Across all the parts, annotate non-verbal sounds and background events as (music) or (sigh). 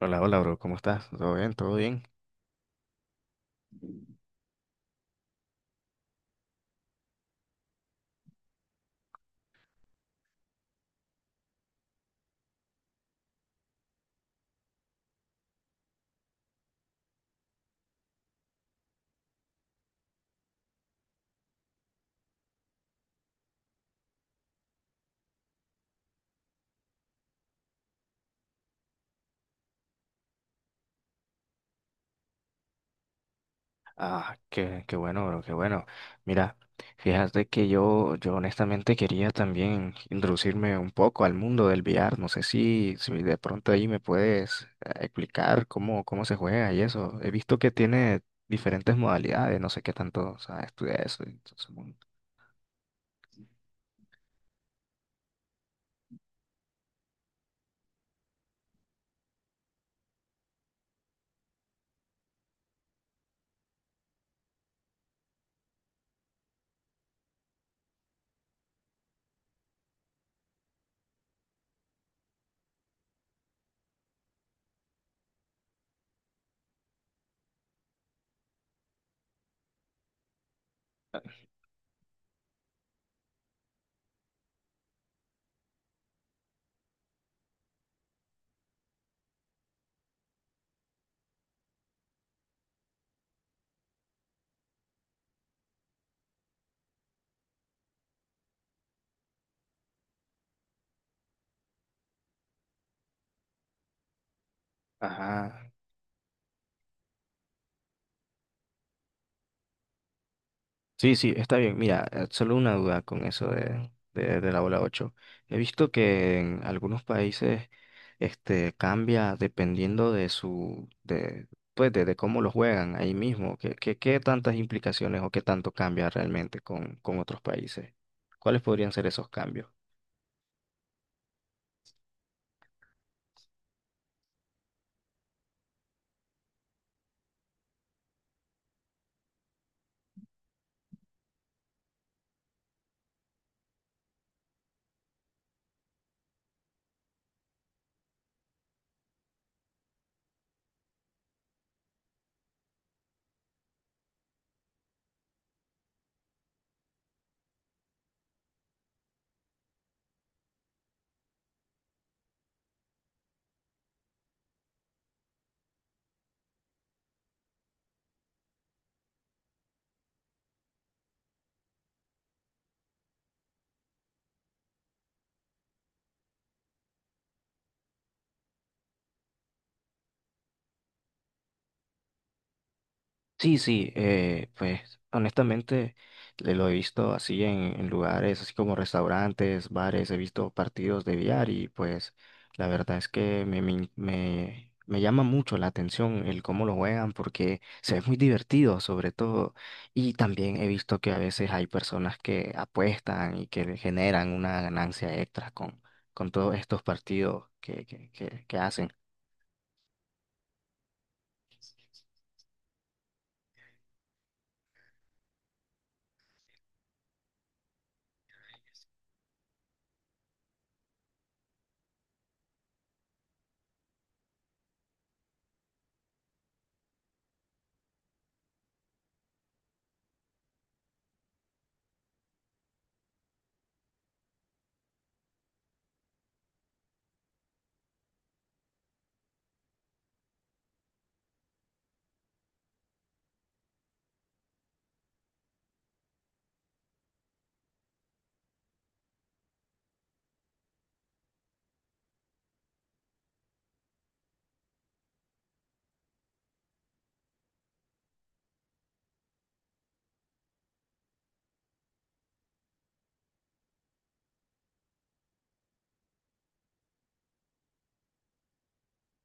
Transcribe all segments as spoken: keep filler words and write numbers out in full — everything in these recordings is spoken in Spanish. Hola, hola, bro, ¿cómo estás? ¿Todo bien? ¿Todo bien? Ah, qué, qué bueno, bro, qué bueno. Mira, fíjate que yo, yo honestamente quería también introducirme un poco al mundo del V R. No sé si, si de pronto ahí me puedes eh, explicar cómo, cómo se juega y eso. He visto que tiene diferentes modalidades, no sé qué tanto, o sea estudia eso. Entonces, bueno. Ajá. Sí, sí, está bien. Mira, eh, solo una duda con eso de, de, de la bola ocho. He visto que en algunos países este, cambia dependiendo de su, de, pues de, de cómo lo juegan ahí mismo. ¿Qué, qué, qué tantas implicaciones o qué tanto cambia realmente con, con otros países? ¿Cuáles podrían ser esos cambios? Sí, sí, eh, pues honestamente le- lo he visto así en, en lugares, así como restaurantes, bares, he visto partidos de billar y pues la verdad es que me, me, me- me llama mucho la atención el cómo lo juegan porque se ve muy divertido sobre todo, y también he visto que a veces hay personas que apuestan y que generan una ganancia extra con, con todos estos partidos que, que, que que hacen.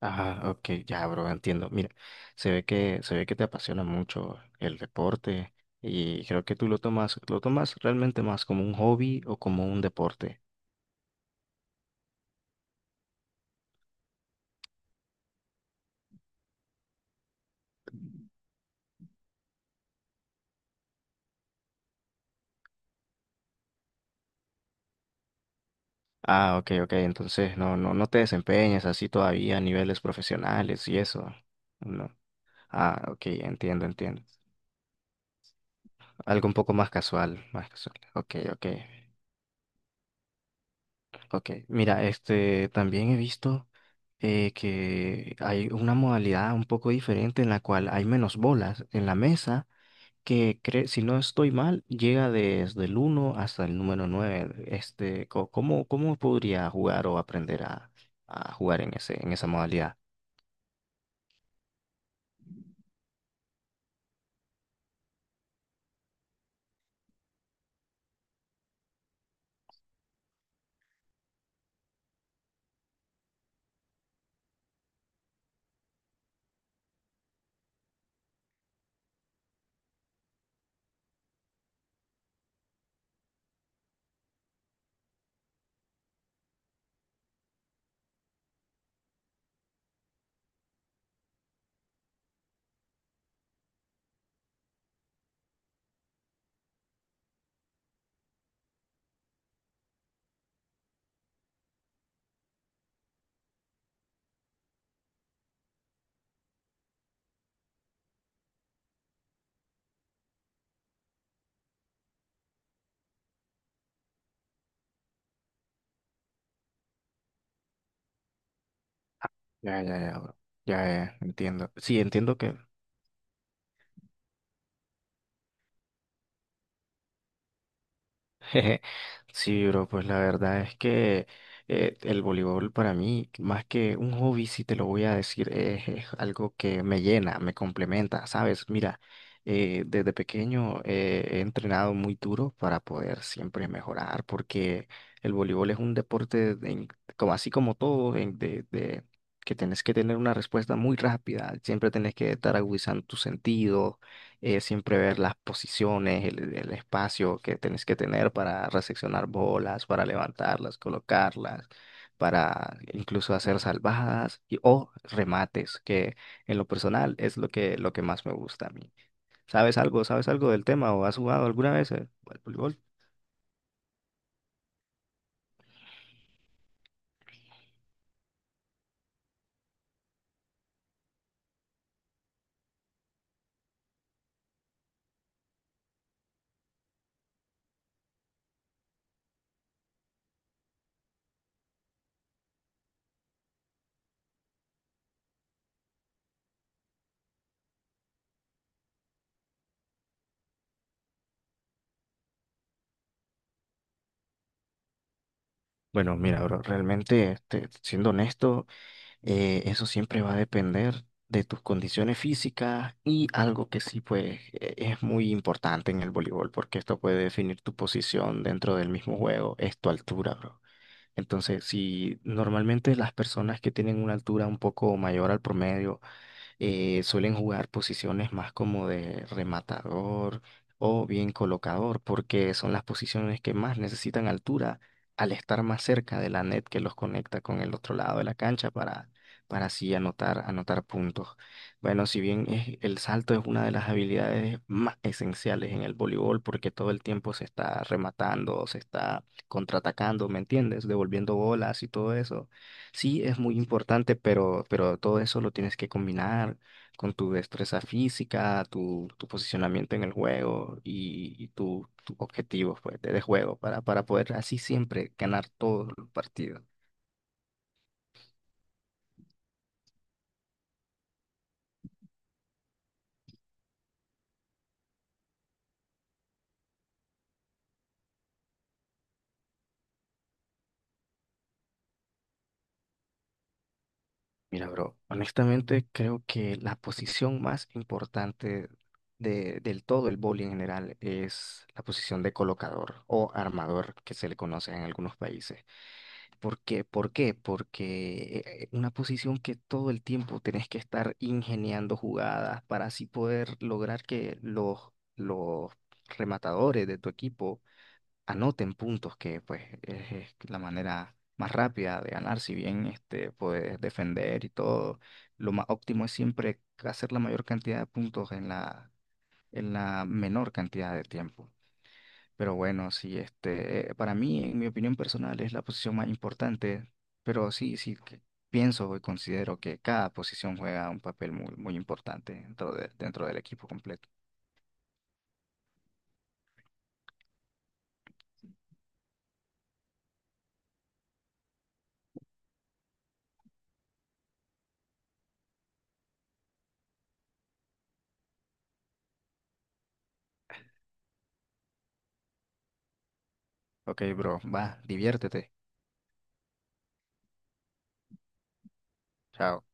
Ah, ok, ya, bro, entiendo. Mira, se ve que, se ve que te apasiona mucho el deporte, y creo que tú lo tomas, lo tomas realmente más como un hobby o como un deporte. Ah, ok, ok, entonces no, no, no te desempeñas así todavía a niveles profesionales y eso. No. Ah, ok, entiendo, entiendo. Algo un poco más casual, más casual. Ok, ok, ok. Mira, este, también he visto eh, que hay una modalidad un poco diferente en la cual hay menos bolas en la mesa que cre- si no estoy mal, llega desde el uno hasta el número nueve. Este, co- ¿cómo, cómo podría jugar o aprender a, a jugar en ese, en esa modalidad? Ya, ya, ya, bro. Ya, ya, entiendo. Sí, entiendo que (laughs) Jeje. Sí, bro, pues la verdad es que eh, el voleibol para mí, más que un hobby, si te lo voy a decir, es, es algo que me llena, me complementa, ¿sabes? Mira, eh, desde pequeño eh, he entrenado muy duro para poder siempre mejorar, porque el voleibol es un deporte, de en- como así como todo, en- de, de- que tienes que tener una respuesta muy rápida, siempre tienes que estar agudizando tu sentido, eh, siempre ver las posiciones, el, el espacio que tenés que tener para reseccionar bolas, para levantarlas, colocarlas, para incluso hacer salvadas y, o remates, que en lo personal es lo que, lo que más me gusta a mí. ¿Sabes algo? ¿Sabes algo del tema o has jugado alguna vez eh, al voleibol? Bueno, mira, bro, realmente, este, siendo honesto, Eh, eso siempre va a depender de tus condiciones físicas, y algo que sí, pues, e- es muy importante en el voleibol, porque esto puede definir tu posición dentro del mismo juego, es tu altura, bro. Entonces, si normalmente las personas que tienen una altura un poco mayor al promedio eh, suelen jugar posiciones más como de rematador o bien colocador, porque son las posiciones que más necesitan altura al estar más cerca de la net que los conecta con el otro lado de la cancha para, para así anotar, anotar puntos. Bueno, si bien es- el salto es una de las habilidades más esenciales en el voleibol, porque todo el tiempo se está rematando, se está contraatacando, ¿me entiendes? Devolviendo bolas y todo eso. Sí, es muy importante, pero, pero todo eso lo tienes que combinar con tu destreza física, tu, tu posicionamiento en el juego y, y tu, tu objetivo, pues, de, de juego para, para poder así siempre ganar todos los partidos. Mira, bro, honestamente creo que la posición más importante de, del todo el vóley en general es la posición de colocador o armador, que se le conoce en algunos países. ¿Por qué? ¿Por qué? Porque eh, una posición que todo el tiempo tenés que estar ingeniando jugadas para así poder lograr que los, los rematadores de tu equipo anoten puntos, que pues es, es la manera más rápida de ganar, si bien este, puedes defender y todo. Lo más óptimo es siempre hacer la mayor cantidad de puntos en la, en la menor cantidad de tiempo. Pero bueno, sí, este, eh, para mí, en mi opinión personal, es la posición más importante, pero sí, sí, que pienso y considero que cada posición juega un papel muy, muy importante dentro de- dentro del equipo completo. Ok, bro, va, diviértete. Chao.